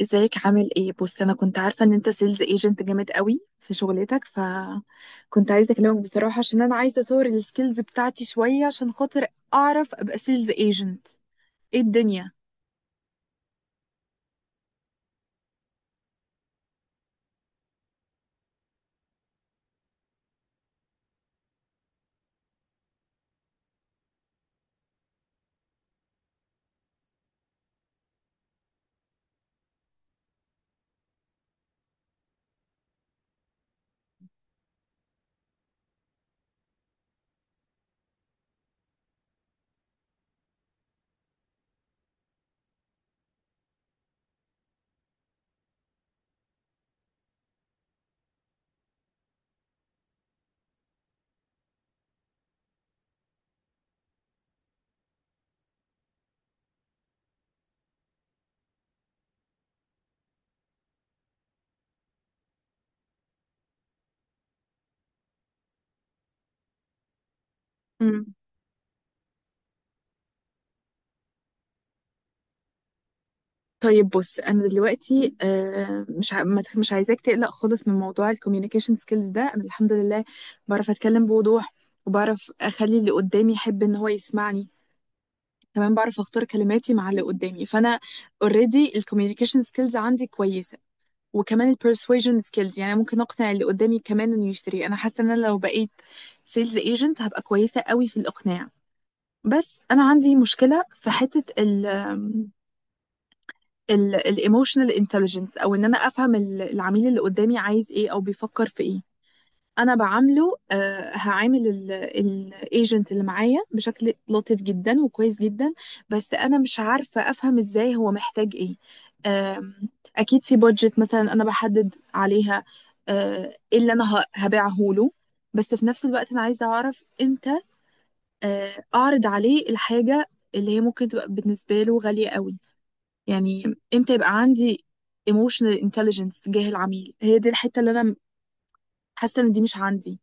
ازيك؟ عامل ايه؟ بص، انا كنت عارفه ان انت سيلز ايجنت جامد قوي في شغلتك، فكنت عايزه اكلمك بصراحه عشان انا عايزه اطور السكيلز بتاعتي شويه عشان خاطر اعرف ابقى سيلز ايجنت. ايه الدنيا؟ مم. طيب، بص، انا دلوقتي مش ما تخ- مش عايزاك تقلق خالص من موضوع الكوميونيكيشن سكيلز ده. انا الحمد لله بعرف اتكلم بوضوح، وبعرف اخلي اللي قدامي يحب ان هو يسمعني، كمان بعرف اختار كلماتي مع اللي قدامي. فانا اوريدي الكوميونيكيشن سكيلز عندي كويسه، وكمان البرسويجن سكيلز، يعني ممكن اقنع اللي قدامي كمان انه يشتري. انا حاسه ان انا لو بقيت سيلز ايجنت هبقى كويسه قوي في الاقناع. بس انا عندي مشكله في حته الايموشنال انتليجنس، او ان انا افهم العميل اللي قدامي عايز ايه او بيفكر في ايه. انا بعامله آه، هعامل الايجنت اللي معايا بشكل لطيف جدا وكويس جدا، بس انا مش عارفه افهم ازاي هو محتاج ايه. آم، اكيد في بادجت مثلا انا بحدد عليها ايه اللي انا هبيعه له، بس في نفس الوقت انا عايزه اعرف امتى اعرض عليه الحاجه اللي هي ممكن تبقى بالنسبه له غاليه قوي، يعني امتى يبقى عندي emotional intelligence تجاه العميل. هي دي الحته اللي انا حاسه ان دي مش عندي.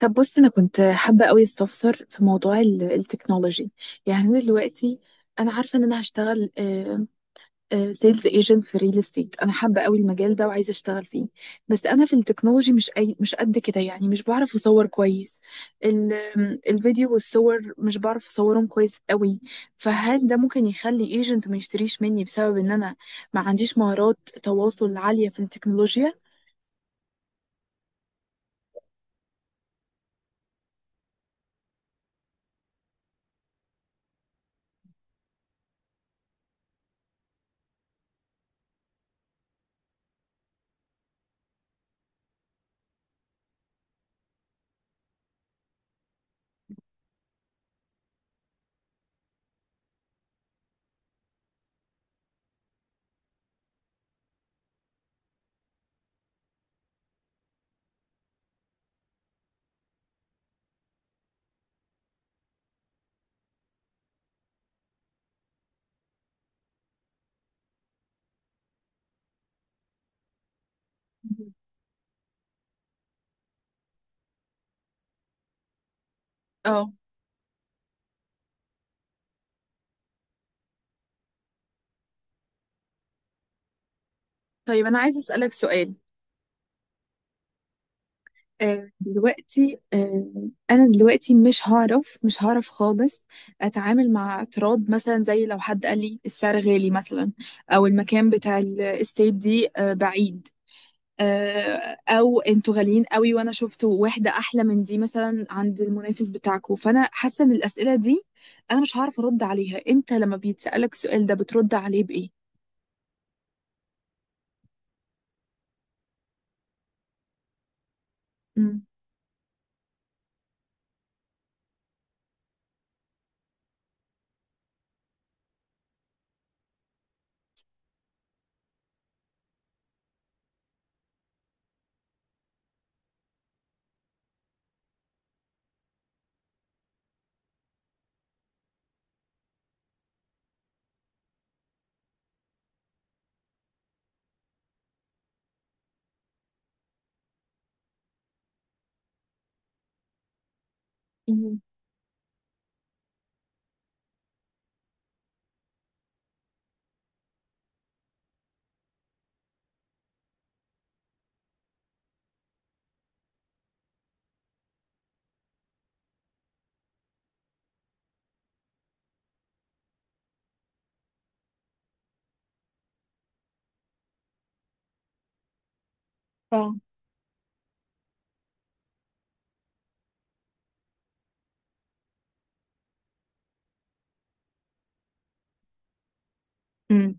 طب، بص، انا كنت حابه قوي استفسر في موضوع التكنولوجي، يعني انا دلوقتي انا عارفه ان انا هشتغل سيلز ايجنت في ريل استيت. انا حابه قوي المجال ده وعايزه اشتغل فيه، بس انا في التكنولوجي مش أي مش قد كده، يعني مش بعرف اصور كويس الفيديو والصور، مش بعرف اصورهم كويس قوي. فهل ده ممكن يخلي ايجنت ما يشتريش مني بسبب ان انا ما عنديش مهارات تواصل عاليه في التكنولوجيا؟ مهم. اه. طيب، انا عايزه اسالك سؤال. دلوقتي انا دلوقتي مش هعرف خالص اتعامل مع اعتراض، مثلا زي لو حد قال لي السعر غالي مثلا، او المكان بتاع الاستيت دي بعيد، او انتوا غاليين قوي وانا شفت واحده احلى من دي مثلا عند المنافس بتاعكم. فانا حاسه ان الاسئله دي انا مش هعرف ارد عليها. انت لما بيتسالك السؤال ده بترد عليه بايه؟ امم. امم. اه. امم.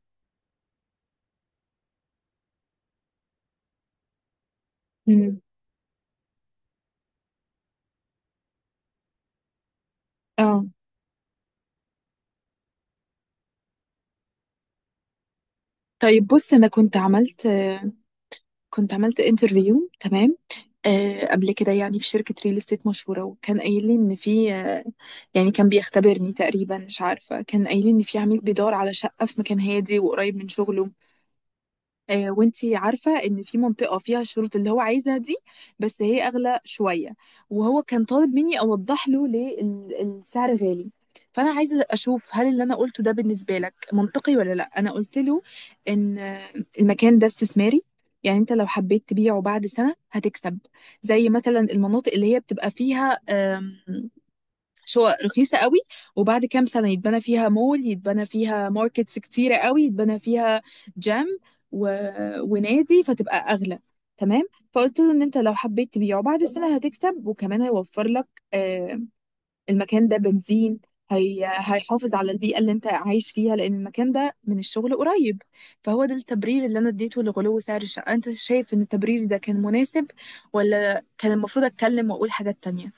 اه. طيب، بص، انا كنت عملت انترفيو، تمام، قبل كده، يعني في شركة ريل استيت مشهورة، وكان قايل لي ان في يعني كان بيختبرني تقريبا، مش عارفة، كان قايل لي ان في عميل بيدور على شقة في مكان هادي وقريب من شغله. وانتي عارفة ان في منطقة فيها الشروط اللي هو عايزها دي، بس هي اغلى شوية، وهو كان طالب مني اوضح له ليه السعر غالي. فانا عايزة اشوف هل اللي انا قلته ده بالنسبة لك منطقي ولا لا. انا قلت له ان المكان ده استثماري، يعني انت لو حبيت تبيعه بعد سنة هتكسب، زي مثلا المناطق اللي هي بتبقى فيها مش هو رخيصة قوي، وبعد كام سنة يتبنى فيها مول، يتبنى فيها ماركتس كتيرة قوي، يتبنى فيها جيم و... ونادي، فتبقى أغلى. تمام، فقلت له ان انت لو حبيت تبيعه بعد السنة هتكسب، وكمان هيوفر لك آه، المكان ده بنزين، هيحافظ على البيئة اللي انت عايش فيها لان المكان ده من الشغل قريب. فهو ده التبرير اللي انا اديته لغلو سعر الشقة. انت شايف ان التبرير ده كان مناسب ولا كان المفروض اتكلم واقول حاجات تانية؟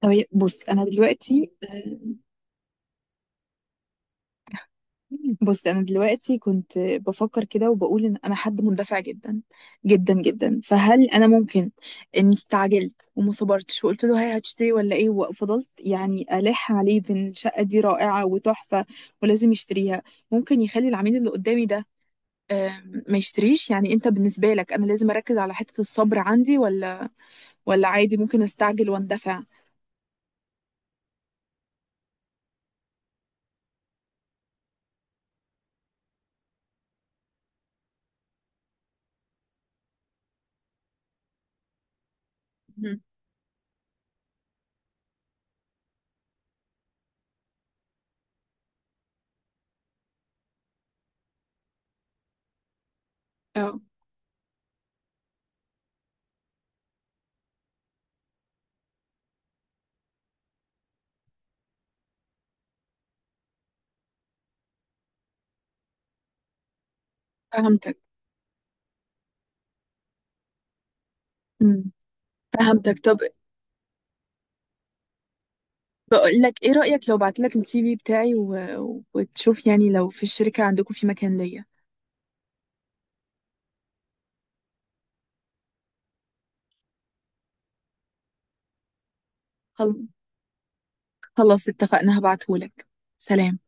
طب بص انا دلوقتي بص، انا دلوقتي كنت بفكر كده، وبقول ان انا حد مندفع جدا جدا جدا. فهل انا ممكن اني استعجلت وما صبرتش وقلت له هاي هتشتري ولا ايه، وفضلت يعني الح عليه بان الشقه دي رائعه وتحفه ولازم يشتريها؟ ممكن يخلي العميل اللي قدامي ده آه، ما يشتريش؟ يعني انت بالنسبه لك انا لازم اركز على حته الصبر عندي، ولا عادي ممكن استعجل واندفع؟ مم. اه، فهمتك. مم. فهمتك. طب، بقول لك ايه رأيك لو بعت لك الـCV بتاعي وتشوف يعني لو في الشركة عندكم في مكان ليا؟ خل- خلاص، اتفقنا، هبعته لك. سلام.